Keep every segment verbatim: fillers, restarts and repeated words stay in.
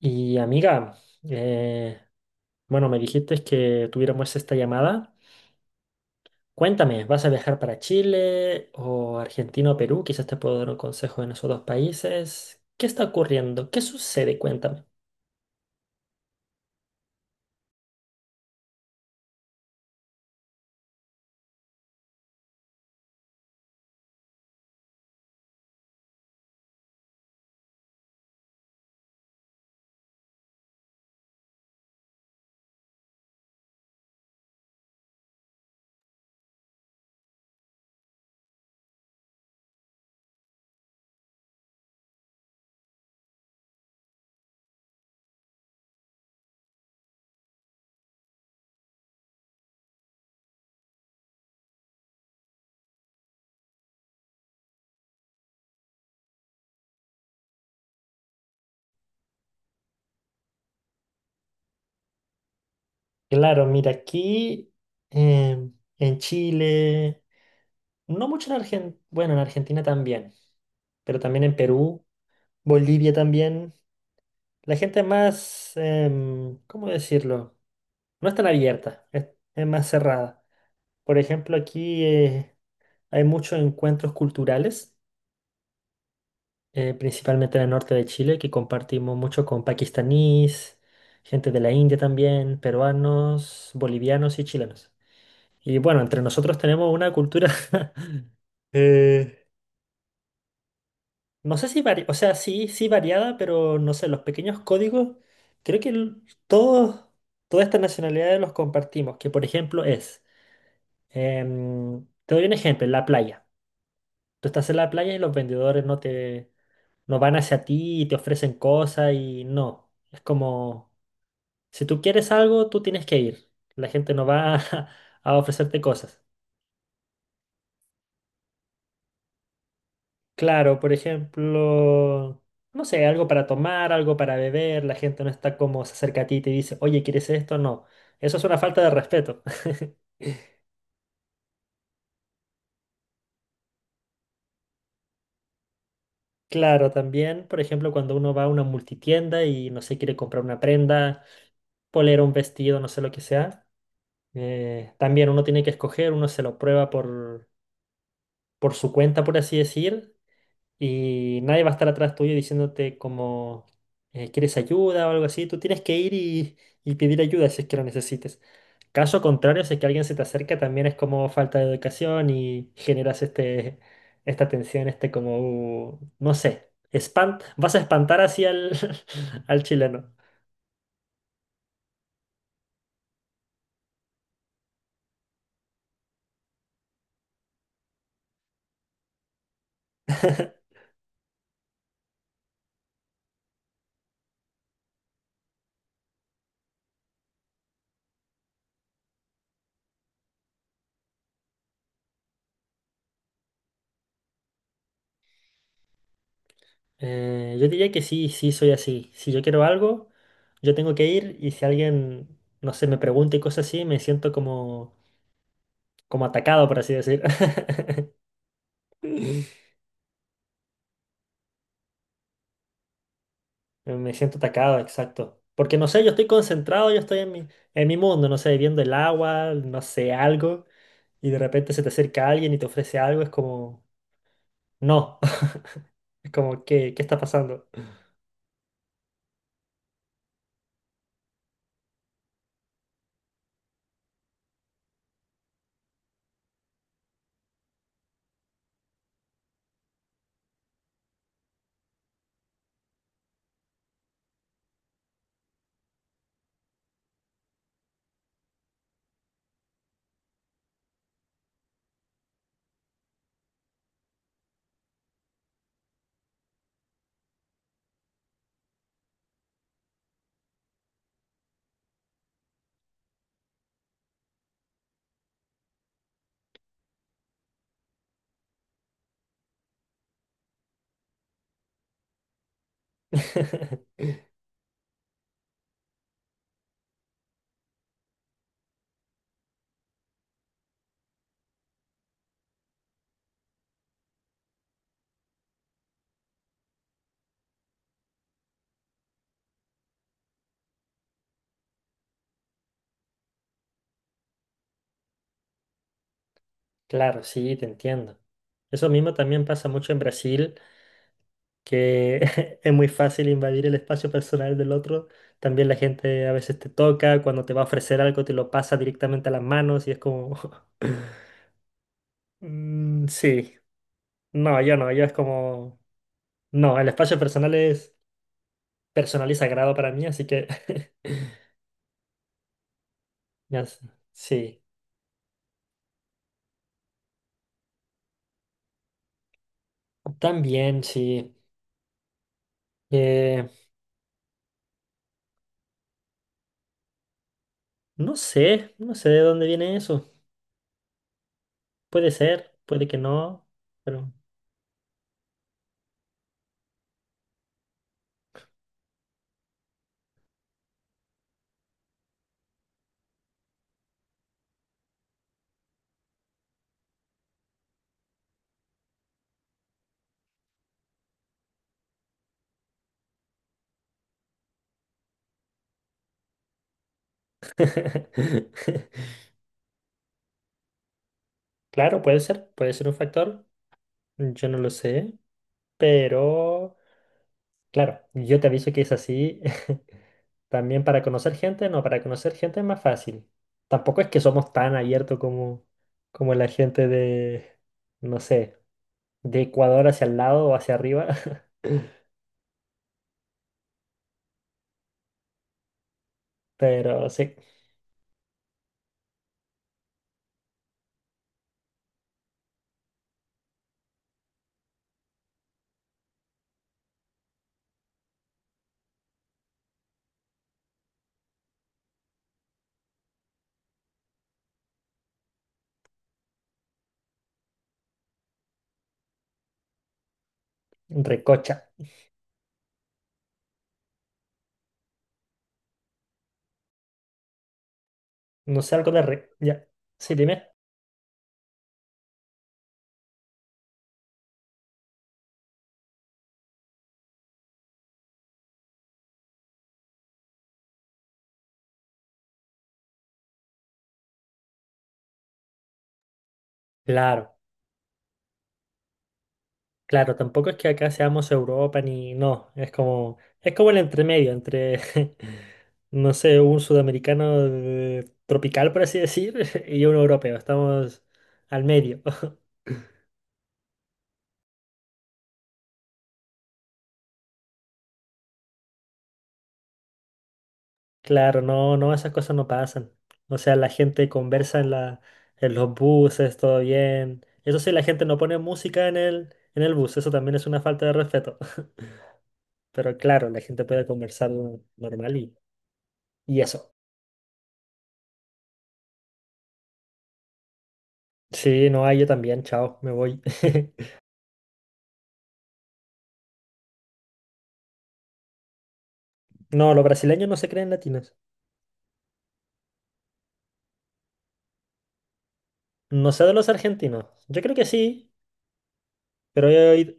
Y amiga, eh, bueno, me dijiste que tuviéramos esta llamada. Cuéntame, ¿vas a viajar para Chile o Argentina o Perú? Quizás te puedo dar un consejo en esos dos países. ¿Qué está ocurriendo? ¿Qué sucede? Cuéntame. Claro, mira, aquí em, en Chile, no mucho en Argentina, bueno, en Argentina también, pero también en Perú, Bolivia también. La gente es más, em, ¿cómo decirlo? No es tan abierta, es es más cerrada. Por ejemplo, aquí eh, hay muchos encuentros culturales, eh, principalmente en el norte de Chile, que compartimos mucho con pakistaníes, gente de la India también, peruanos, bolivianos y chilenos. Y bueno, entre nosotros tenemos una cultura, eh, no sé si variada, o sea, sí, sí variada, pero no sé, los pequeños códigos, creo que el- todos, todas estas nacionalidades los compartimos, que por ejemplo es, em, te doy un ejemplo, en la playa. Tú estás en la playa y los vendedores no te, no van hacia ti y te ofrecen cosas y no. Es como, si tú quieres algo, tú tienes que ir. La gente no va a ofrecerte cosas. Claro, por ejemplo, no sé, algo para tomar, algo para beber. La gente no está como se acerca a ti y te dice, oye, ¿quieres esto? No. Eso es una falta de respeto. Claro, también, por ejemplo, cuando uno va a una multitienda y no sé, quiere comprar una prenda, polera, un vestido, no sé lo que sea. Eh, también uno tiene que escoger, uno se lo prueba por, por su cuenta, por así decir, y nadie va a estar atrás tuyo diciéndote como eh, quieres ayuda o algo así. Tú tienes que ir y, y pedir ayuda si es que lo necesites. Caso contrario, si es que alguien se te acerca, también es como falta de educación y generas este, esta tensión, este como, uh, no sé, espant vas a espantar así al, al chileno. Eh, yo diría que sí, sí soy así. Si yo quiero algo, yo tengo que ir y si alguien, no sé, me pregunta y cosas así, me siento como, como atacado, por así decir. Me siento atacado, exacto. Porque no sé, yo estoy concentrado, yo estoy en mi, en mi mundo, no sé, viendo el agua, no sé, algo, y de repente se te acerca alguien y te ofrece algo, es como, no, es como, ¿qué, qué está pasando? Claro, sí, te entiendo. Eso mismo también pasa mucho en Brasil, que es muy fácil invadir el espacio personal del otro. También la gente a veces te toca, cuando te va a ofrecer algo te lo pasa directamente a las manos y es como... "Mm, sí, no, yo no, yo es como... No, el espacio personal es personal y sagrado para mí, así que... ya sé. Sí, también sí. Eh, no sé, no sé de dónde viene eso. Puede ser, puede que no, pero... Claro, puede ser, puede ser un factor. Yo no lo sé. Pero, claro, yo te aviso que es así. También para conocer gente, no, para conocer gente es más fácil. Tampoco es que somos tan abiertos como, como la gente de, no sé, de Ecuador hacia el lado o hacia arriba. Pero sí, recocha. No sé, algo de re. Ya. Sí, dime. Claro. Claro, tampoco es que acá seamos Europa ni no, es como es como el entremedio entre no sé, un sudamericano eh, tropical por así decir y un europeo, estamos al medio. Claro, no, no, esas cosas no pasan. O sea, la gente conversa en la en los buses, todo bien. Eso sí, la gente no pone música en el en el bus, eso también es una falta de respeto. Pero claro, la gente puede conversar normal y y eso. Sí, no, ah, yo también, chao, me voy. No, los brasileños no se creen latinos. No sé de los argentinos. Yo creo que sí, pero he oído,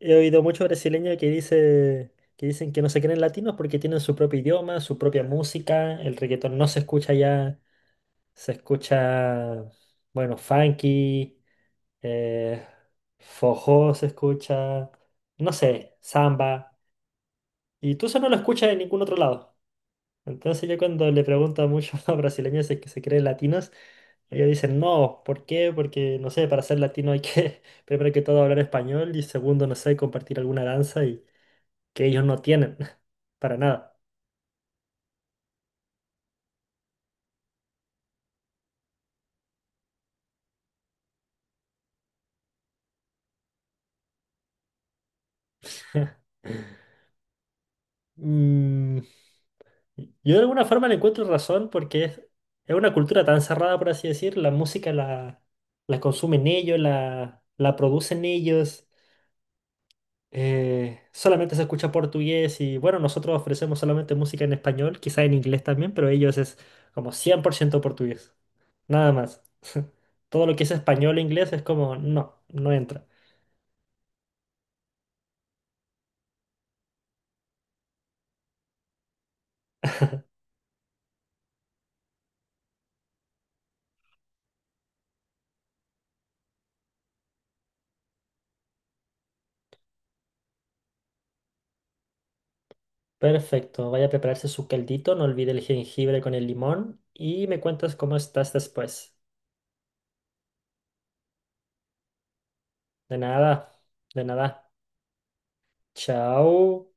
he oído muchos brasileños que dice, que dicen que no se creen latinos porque tienen su propio idioma, su propia música. El reggaetón no se escucha ya, se escucha, bueno, funky, eh, forró se escucha, no sé, samba. Y tú eso no lo escuchas en ningún otro lado. Entonces yo cuando le pregunto a muchos brasileños si es que se creen latinos, ellos dicen, no, ¿por qué? Porque, no sé, para ser latino hay que, primero que todo, hablar español y segundo, no sé, compartir alguna danza y que ellos no tienen, para nada. Mm, yo de alguna forma le encuentro razón porque es, es una cultura tan cerrada, por así decir, la música la, la consumen ellos, la, la producen ellos. Eh, solamente se escucha portugués y bueno, nosotros ofrecemos solamente música en español, quizá en inglés también, pero ellos es como cien por ciento portugués, nada más. Todo lo que es español e inglés es como, no, no entra. Perfecto, vaya a prepararse su caldito, no olvide el jengibre con el limón y me cuentas cómo estás después. De nada, de nada. Chao.